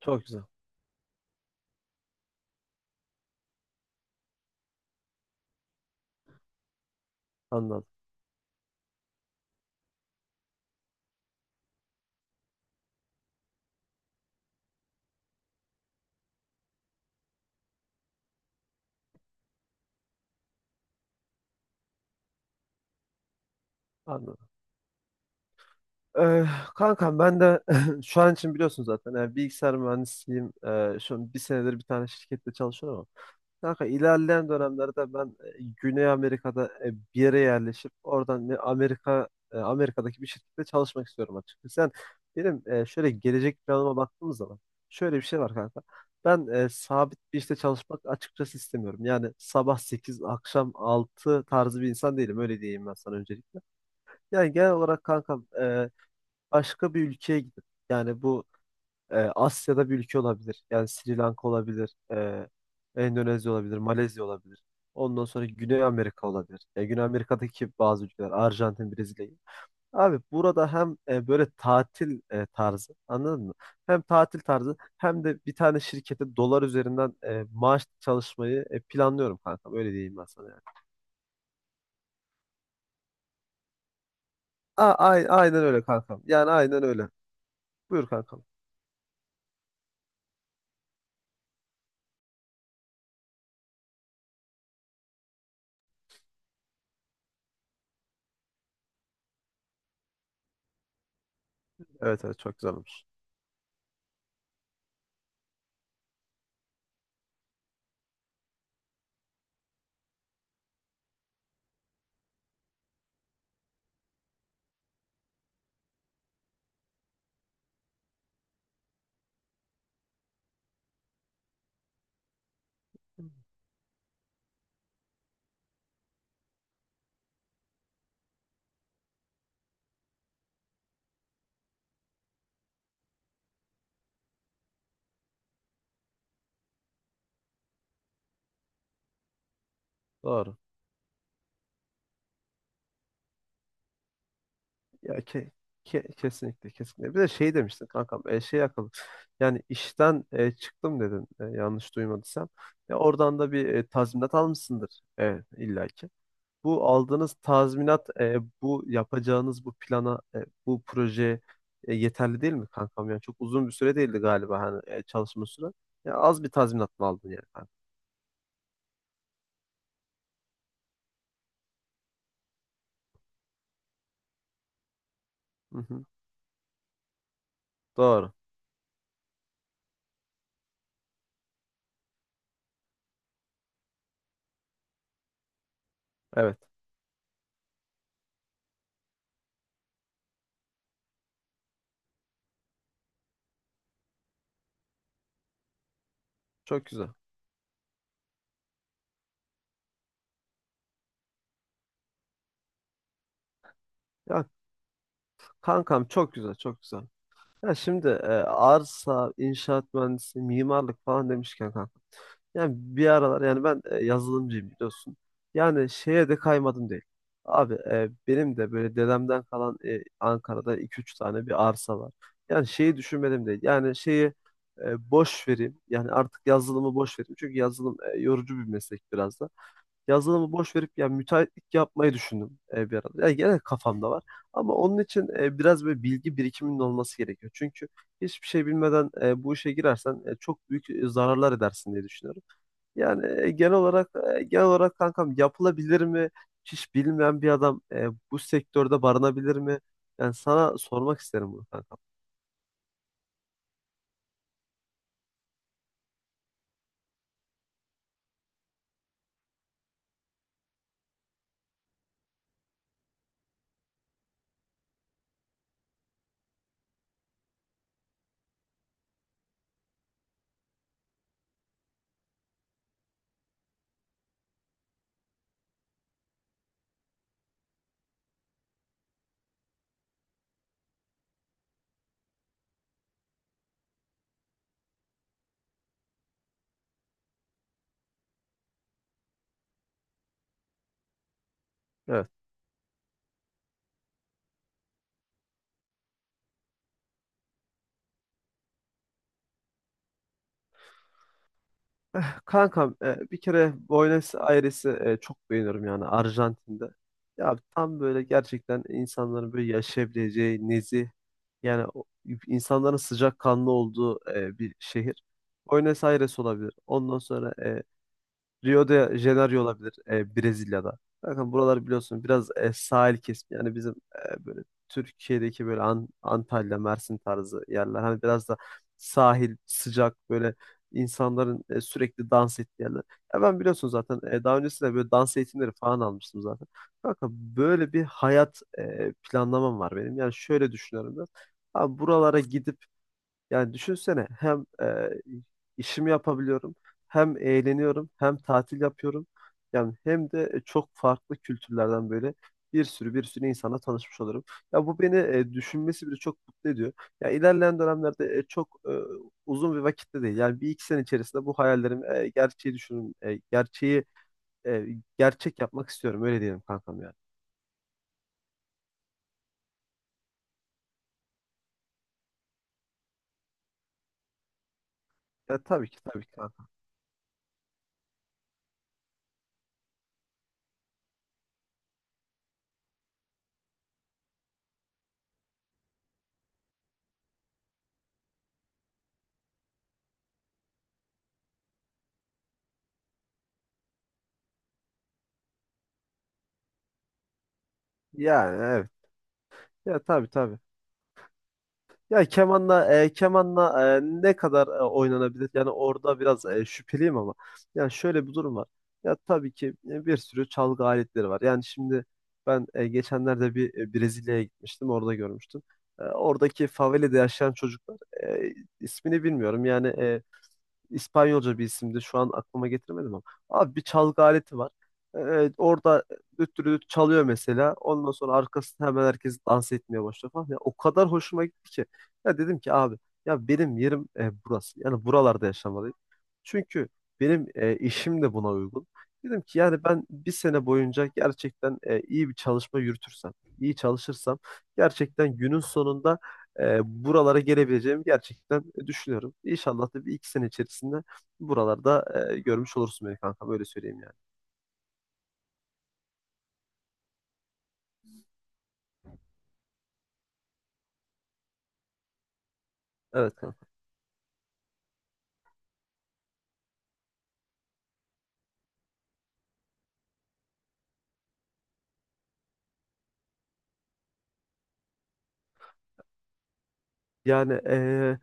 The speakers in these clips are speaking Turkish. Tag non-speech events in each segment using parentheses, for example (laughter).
Çok güzel. Anladım. Anladım. Ee, kankam ben de (laughs) şu an için biliyorsun zaten. Yani bilgisayar mühendisiyim. Şu an bir senedir bir tane şirkette çalışıyorum ama. Kanka ilerleyen dönemlerde ben Güney Amerika'da bir yere yerleşip oradan bir Amerika Amerika'daki bir şirkette çalışmak istiyorum açıkçası. Sen benim şöyle gelecek planıma baktığımız zaman şöyle bir şey var kanka. Ben sabit bir işte çalışmak açıkçası istemiyorum. Yani sabah 8 akşam 6 tarzı bir insan değilim. Öyle diyeyim ben sana öncelikle. Yani genel olarak kankam başka bir ülkeye gidip yani bu Asya'da bir ülke olabilir. Yani Sri Lanka olabilir, Endonezya olabilir, Malezya olabilir. Ondan sonra Güney Amerika olabilir. Güney Amerika'daki bazı ülkeler Arjantin, Brezilya. Abi burada hem böyle tatil tarzı anladın mı? Hem tatil tarzı hem de bir tane şirkete dolar üzerinden maaş çalışmayı planlıyorum kankam. Öyle diyeyim ben sana yani. Aynen öyle kankam. Yani aynen öyle. Buyur kankam. Evet, evet, çok güzel olmuş. Doğru. Ya kesinlikle kesinlikle. Bir de şey demiştin kankam şey yakaladım. Yani işten çıktım dedin yanlış duymadıysam. Ya oradan da bir tazminat almışsındır illaki. Bu aldığınız tazminat bu yapacağınız bu plana bu projeye yeterli değil mi kankam? Yani çok uzun bir süre değildi galiba hani çalışma süre. Ya az bir tazminat mı aldın yani? Kanka? Hı hı. Doğru. Evet. Çok güzel. Ya kankam çok güzel, çok güzel. Ya şimdi arsa, inşaat mühendisi, mimarlık falan demişken kanka. Yani bir aralar yani ben yazılımcıyım biliyorsun. Yani şeye de kaymadım değil. Abi benim de böyle dedemden kalan Ankara'da iki üç tane bir arsa var. Yani şeyi düşünmedim değil. Yani şeyi boş vereyim. Yani artık yazılımı boş vereyim. Çünkü yazılım yorucu bir meslek biraz da yazılımı boş verip yani müteahhitlik yapmayı düşündüm bir arada. Yani genel kafamda var. Ama onun için biraz böyle bilgi birikiminin olması gerekiyor. Çünkü hiçbir şey bilmeden bu işe girersen çok büyük zararlar edersin diye düşünüyorum. Yani genel olarak kankam yapılabilir mi? Hiç bilmeyen bir adam bu sektörde barınabilir mi? Yani sana sormak isterim bunu kankam. Evet. Kankam bir kere Buenos Aires'i çok beğeniyorum yani Arjantin'de. Ya tam böyle gerçekten insanların böyle yaşayabileceği nezih yani insanların sıcakkanlı olduğu bir şehir. Buenos Aires olabilir. Ondan sonra Rio de Janeiro olabilir Brezilya'da. Bakın buralar biliyorsun biraz sahil kesimi. Yani bizim böyle Türkiye'deki böyle Antalya, Mersin tarzı yerler. Hani biraz da sahil, sıcak böyle insanların sürekli dans ettiği yerler. Ya ben biliyorsun zaten daha öncesinde böyle dans eğitimleri falan almıştım zaten. Bakın böyle bir hayat planlamam var benim. Yani şöyle düşünüyorum ben. Abi buralara gidip yani düşünsene hem işimi yapabiliyorum, hem eğleniyorum, hem tatil yapıyorum. Yani hem de çok farklı kültürlerden böyle bir sürü bir sürü insana tanışmış olurum. Ya bu beni düşünmesi bile çok mutlu ediyor. Ya ilerleyen dönemlerde çok uzun bir vakitte değil. Yani bir iki sene içerisinde bu hayallerimi e, gerçeği düşünün, e, gerçeği e, gerçek yapmak istiyorum. Öyle diyelim kankam yani. Ya tabii ki tabii ki kankam. Yani evet. Ya tabii tabii. Ya kemanla ne kadar oynanabilir? Yani orada biraz şüpheliyim ama. Yani şöyle bir durum var. Ya tabii ki bir sürü çalgı aletleri var. Yani şimdi ben geçenlerde bir Brezilya'ya gitmiştim. Orada görmüştüm. Oradaki favelede yaşayan çocuklar e, ismini bilmiyorum. Yani İspanyolca bir isimdi. Şu an aklıma getiremedim ama. Abi bir çalgı aleti var. Orada düt düt düt çalıyor mesela. Ondan sonra arkasında hemen herkes dans etmeye başlıyor falan. Ya, o kadar hoşuma gitti ki. Ya dedim ki abi ya benim yerim burası. Yani buralarda yaşamalıyım. Çünkü benim işim de buna uygun. Dedim ki yani ben bir sene boyunca gerçekten iyi bir çalışma yürütürsem, iyi çalışırsam gerçekten günün sonunda e, buralara gelebileceğimi gerçekten düşünüyorum. İnşallah da bir iki sene içerisinde buralarda görmüş olursun beni kanka. Böyle söyleyeyim yani. Evet kanka. Yani,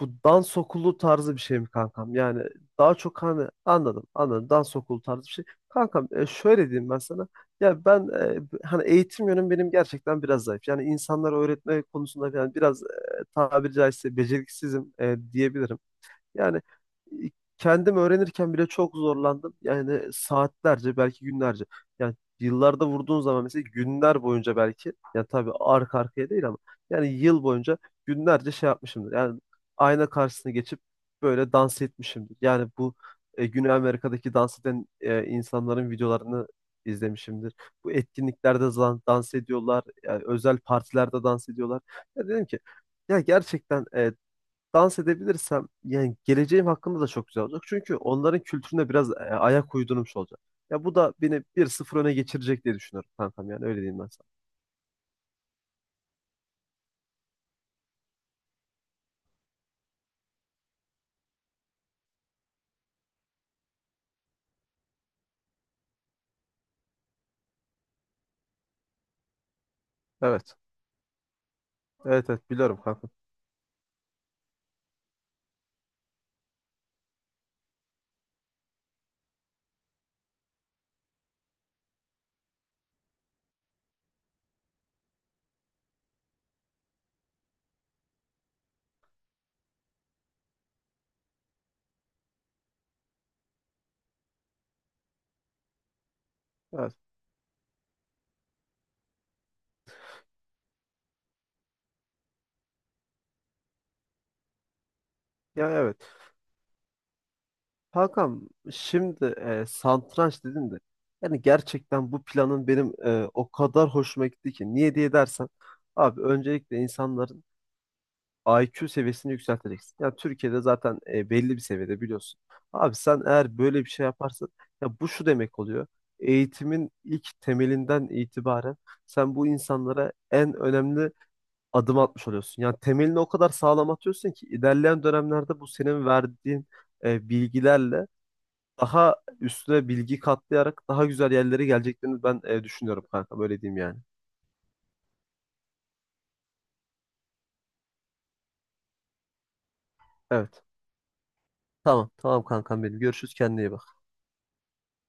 bu dans okulu tarzı bir şey mi kankam? Yani daha çok, hani, anladım anladım, dans okulu tarzı bir şey. Kankam şöyle diyeyim ben sana. Ya ben hani eğitim yönüm benim gerçekten biraz zayıf. Yani insanlara öğretme konusunda yani biraz tabiri caizse beceriksizim diyebilirim. Yani e, kendim öğrenirken bile çok zorlandım. Yani saatlerce, belki günlerce. Yani yıllarda vurduğun zaman mesela günler boyunca belki. Yani tabii arka arkaya değil ama. Yani yıl boyunca günlerce şey yapmışımdır. Yani ayna karşısına geçip böyle dans etmişimdir. Yani bu Güney Amerika'daki dans eden insanların videolarını izlemişimdir. Bu etkinliklerde dans ediyorlar. Yani özel partilerde dans ediyorlar. Ya dedim ki ya gerçekten dans edebilirsem yani geleceğim hakkında da çok güzel olacak. Çünkü onların kültürüne biraz ayak uydurmuş olacak. Ya bu da beni 1-0 öne geçirecek diye düşünüyorum kankam, yani öyle diyeyim ben sana. Evet. Evet, evet, biliyorum kankam. Evet. Ya evet. Kankam, şimdi satranç dedin de yani gerçekten bu planın benim o kadar hoşuma gitti ki. Niye diye dersen abi, öncelikle insanların IQ seviyesini yükselteceksin. Ya Türkiye'de zaten belli bir seviyede biliyorsun. Abi sen eğer böyle bir şey yaparsan ya bu şu demek oluyor. Eğitimin ilk temelinden itibaren sen bu insanlara en önemli adım atmış oluyorsun. Yani temelini o kadar sağlam atıyorsun ki ilerleyen dönemlerde bu senin verdiğin bilgilerle daha üstüne bilgi katlayarak daha güzel yerlere geleceklerini ben düşünüyorum kanka. Böyle diyeyim yani. Evet. Tamam. Tamam kankam benim. Görüşürüz. Kendine iyi bak.